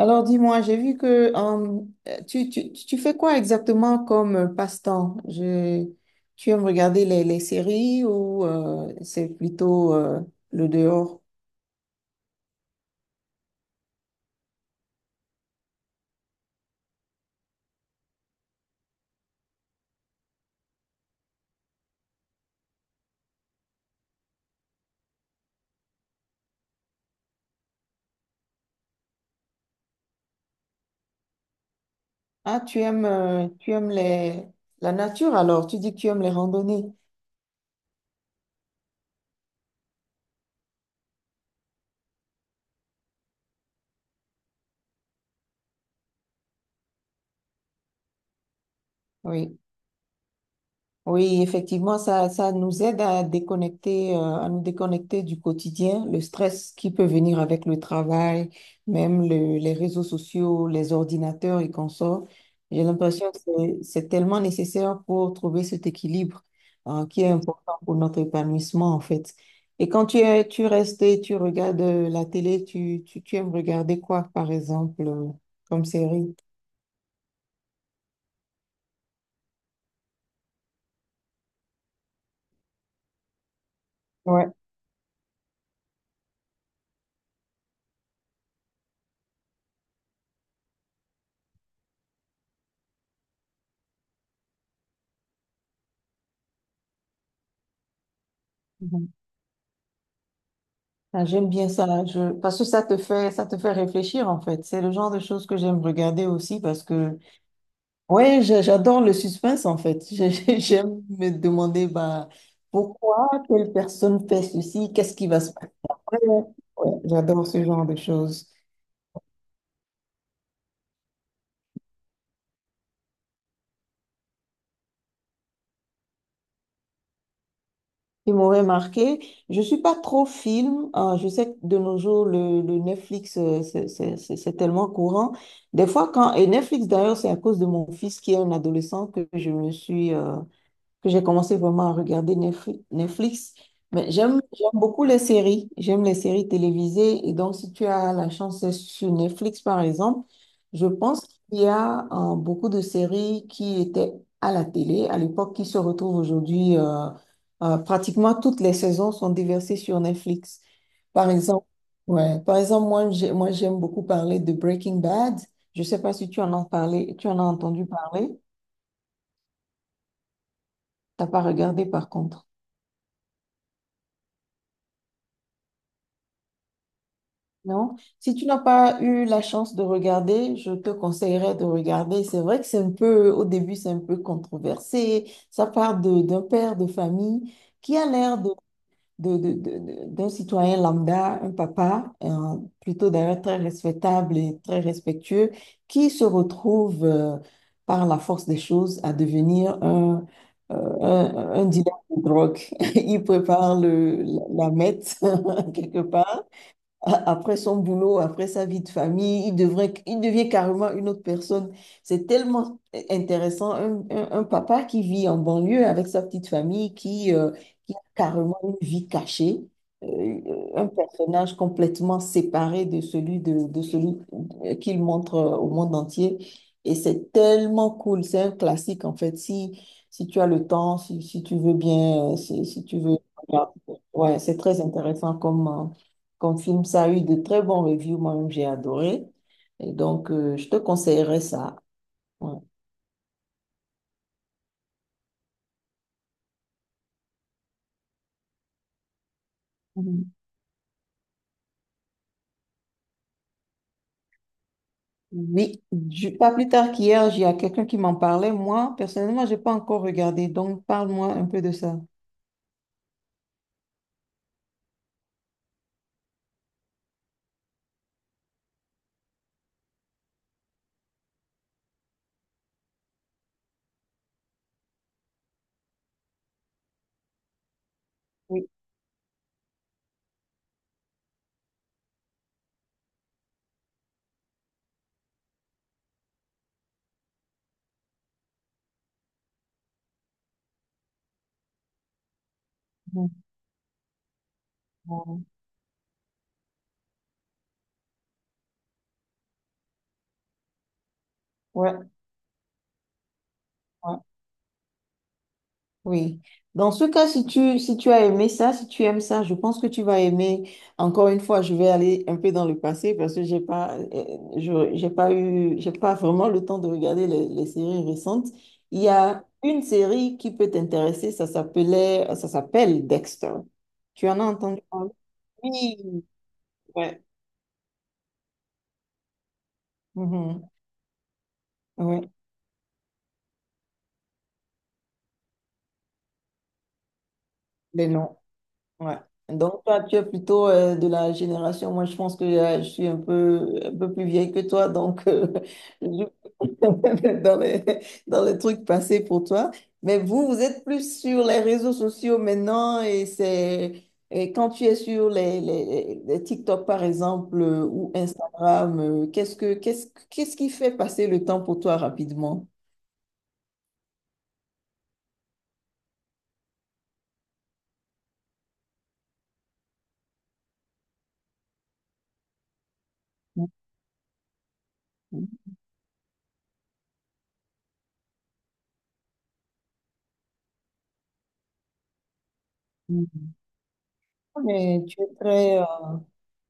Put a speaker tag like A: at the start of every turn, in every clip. A: Alors dis-moi, j'ai vu que tu fais quoi exactement comme passe-temps? Tu aimes regarder les séries ou c'est plutôt le dehors? Ah, tu aimes la nature alors? Tu dis que tu aimes les randonnées. Oui. Oui, effectivement, ça nous aide à déconnecter, à nous déconnecter du quotidien, le stress qui peut venir avec le travail, même les réseaux sociaux, les ordinateurs et consorts. J'ai l'impression que c'est tellement nécessaire pour trouver cet équilibre, qui est important pour notre épanouissement, en fait. Et quand tu es, tu restes et tu regardes la télé, tu aimes regarder quoi, par exemple, comme série? Ouais. Ah, j'aime bien ça, je... parce que ça te fait réfléchir en fait. C'est le genre de choses que j'aime regarder aussi parce que, ouais, j'adore le suspense en fait. J'aime me demander bah, pourquoi telle personne fait ceci, qu'est-ce qui va se passer. Ouais, j'adore ce genre de choses. Qui m'aurait marqué, je suis pas trop film, hein. Je sais que de nos jours, le Netflix, c'est tellement courant. Des fois, quand, et Netflix d'ailleurs, c'est à cause de mon fils qui est un adolescent que je me suis. Que j'ai commencé vraiment à regarder Netflix. Mais j'aime beaucoup les séries. J'aime les séries télévisées. Et donc, si tu as la chance d'être sur Netflix, par exemple, je pense qu'il y a beaucoup de séries qui étaient à la télé à l'époque qui se retrouvent aujourd'hui. Pratiquement toutes les saisons sont déversées sur Netflix. Par exemple, ouais, par exemple, moi, j'aime beaucoup parler de Breaking Bad. Je ne sais pas si tu en as parlé, tu en as entendu parler. T'as pas regardé, par contre. Non, si tu n'as pas eu la chance de regarder, je te conseillerais de regarder. C'est vrai que c'est un peu, au début, c'est un peu controversé. Ça d'un père de famille qui a l'air de, d'un citoyen lambda, un papa, plutôt d'ailleurs très respectable et très respectueux, qui se retrouve, par la force des choses, à devenir un, un dealer de drogue. Il prépare la meth, quelque part après son boulot, après sa vie de famille, il devient carrément une autre personne. C'est tellement intéressant, un papa qui vit en banlieue avec sa petite famille, qui a carrément une vie cachée, euh, un personnage complètement séparé de celui, de celui qu'il montre au monde entier. Et c'est tellement cool, c'est un classique en fait. Si tu as le temps, si tu veux bien, si tu veux... Ouais, c'est très intéressant comme... comme film, ça a eu de très bons reviews, moi-même j'ai adoré. Et donc, je te conseillerais ça. Ouais. Mhm. Oui, pas plus tard qu'hier, il y a quelqu'un qui m'en parlait. Moi, personnellement, j'ai pas encore regardé, donc parle-moi un peu de ça. Oui. Mhm. Bon. Ouais. Oui. Dans ce cas, si tu as aimé ça, si tu aimes ça, je pense que tu vas aimer. Encore une fois, je vais aller un peu dans le passé parce que j'ai pas eu, j'ai pas vraiment le temps de regarder les séries récentes. Il y a une série qui peut t'intéresser, ça s'appelle Dexter. Tu en as entendu parler? Oui. Ouais. Mhm. Ouais. Les noms. Ouais. Donc, toi, tu es plutôt de la génération. Moi, je pense que je suis un peu plus vieille que toi. Donc, je- dans dans les trucs passés pour toi. Mais vous, vous êtes plus sur les réseaux sociaux maintenant. Et c'est quand tu es sur les TikTok, par exemple, ou Instagram, qu'est-ce qui fait passer le temps pour toi rapidement? Mhm. Mais tu es très,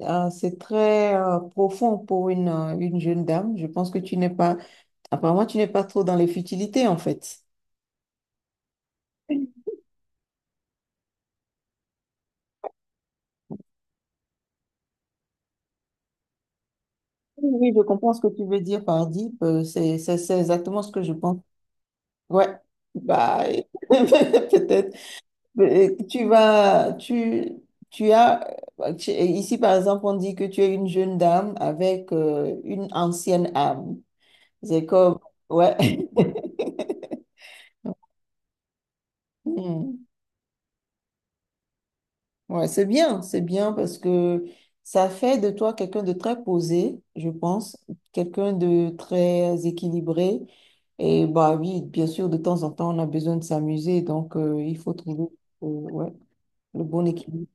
A: euh, c'est très profond pour une jeune dame. Je pense que tu n'es pas, apparemment, tu n'es pas trop dans les futilités, en fait. Oui, oui, je comprends ce que tu veux dire par deep. C'est, c'est exactement ce que je pense. Ouais, bah, peut-être. Mais tu vas, tu as, ici, par exemple, on dit que tu es une jeune dame avec une ancienne âme. C'est comme, ouais. Hmm. Ouais, c'est bien parce que ça fait de toi quelqu'un de très posé, je pense, quelqu'un de très équilibré. Et bah oui, bien sûr, de temps en temps, on a besoin de s'amuser, donc il faut trouver euh, ouais, le bon équilibre.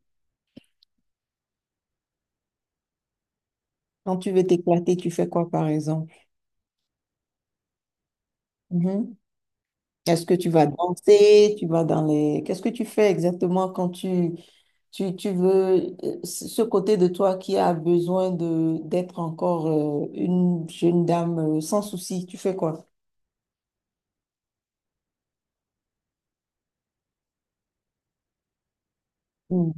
A: Quand tu veux t'éclater, tu fais quoi, par exemple? Mhm. Est-ce que tu vas danser? Tu vas dans les... Qu'est-ce que tu fais exactement tu, tu veux ce côté de toi qui a besoin de d'être encore une jeune dame sans souci, tu fais quoi? Mm.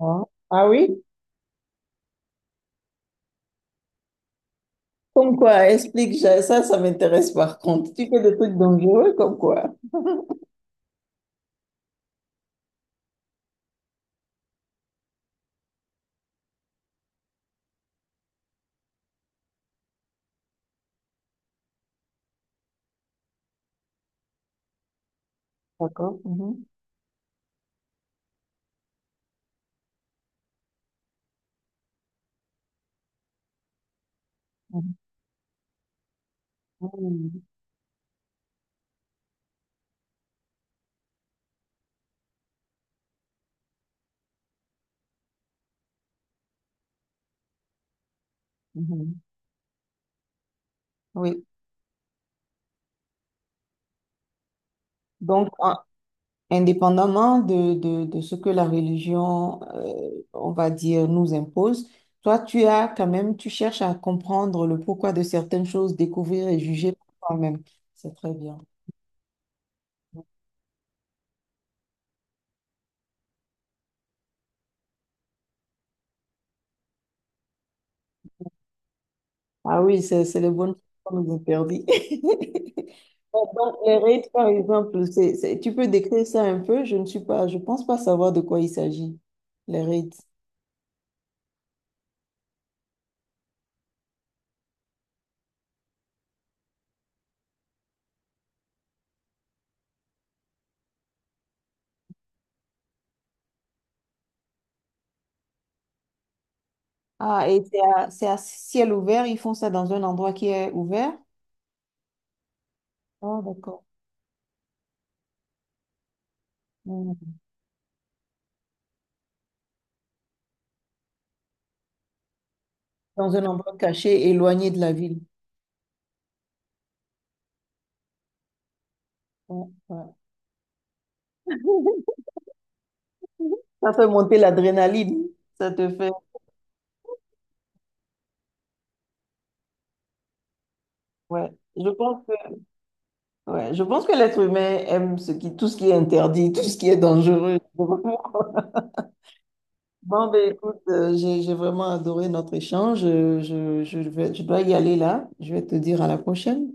A: Ah, ah oui? Comme quoi, explique, ça m'intéresse par contre. Tu fais des trucs dangereux comme quoi? D'accord. Mhm. Mhm. Mhm. Mhm. Oui. Donc, en, indépendamment de ce que la religion, on va dire, nous impose, toi, tu as quand même, tu cherches à comprendre le pourquoi de certaines choses, découvrir et juger par toi-même. C'est très bien. Ah oui, c'est les bonnes choses qu'on nous interdit. Donc, les rites, par exemple, tu peux décrire ça un peu? Je ne suis pas, je pense pas savoir de quoi il s'agit, les rites. Ah, et c'est à ciel ouvert, ils font ça dans un endroit qui est ouvert? Oh, d'accord. Hmm. Dans un endroit caché, éloigné de la ville. Ouais, ouais. Ça fait monter l'adrénaline. Ça te fait. Ouais. Je pense que, ouais, je pense que l'être humain aime ce qui, tout ce qui est interdit, tout ce qui est dangereux. Bon, ben écoute, j'ai vraiment adoré notre échange. Je vais- je dois y aller là. Je vais te dire à la prochaine.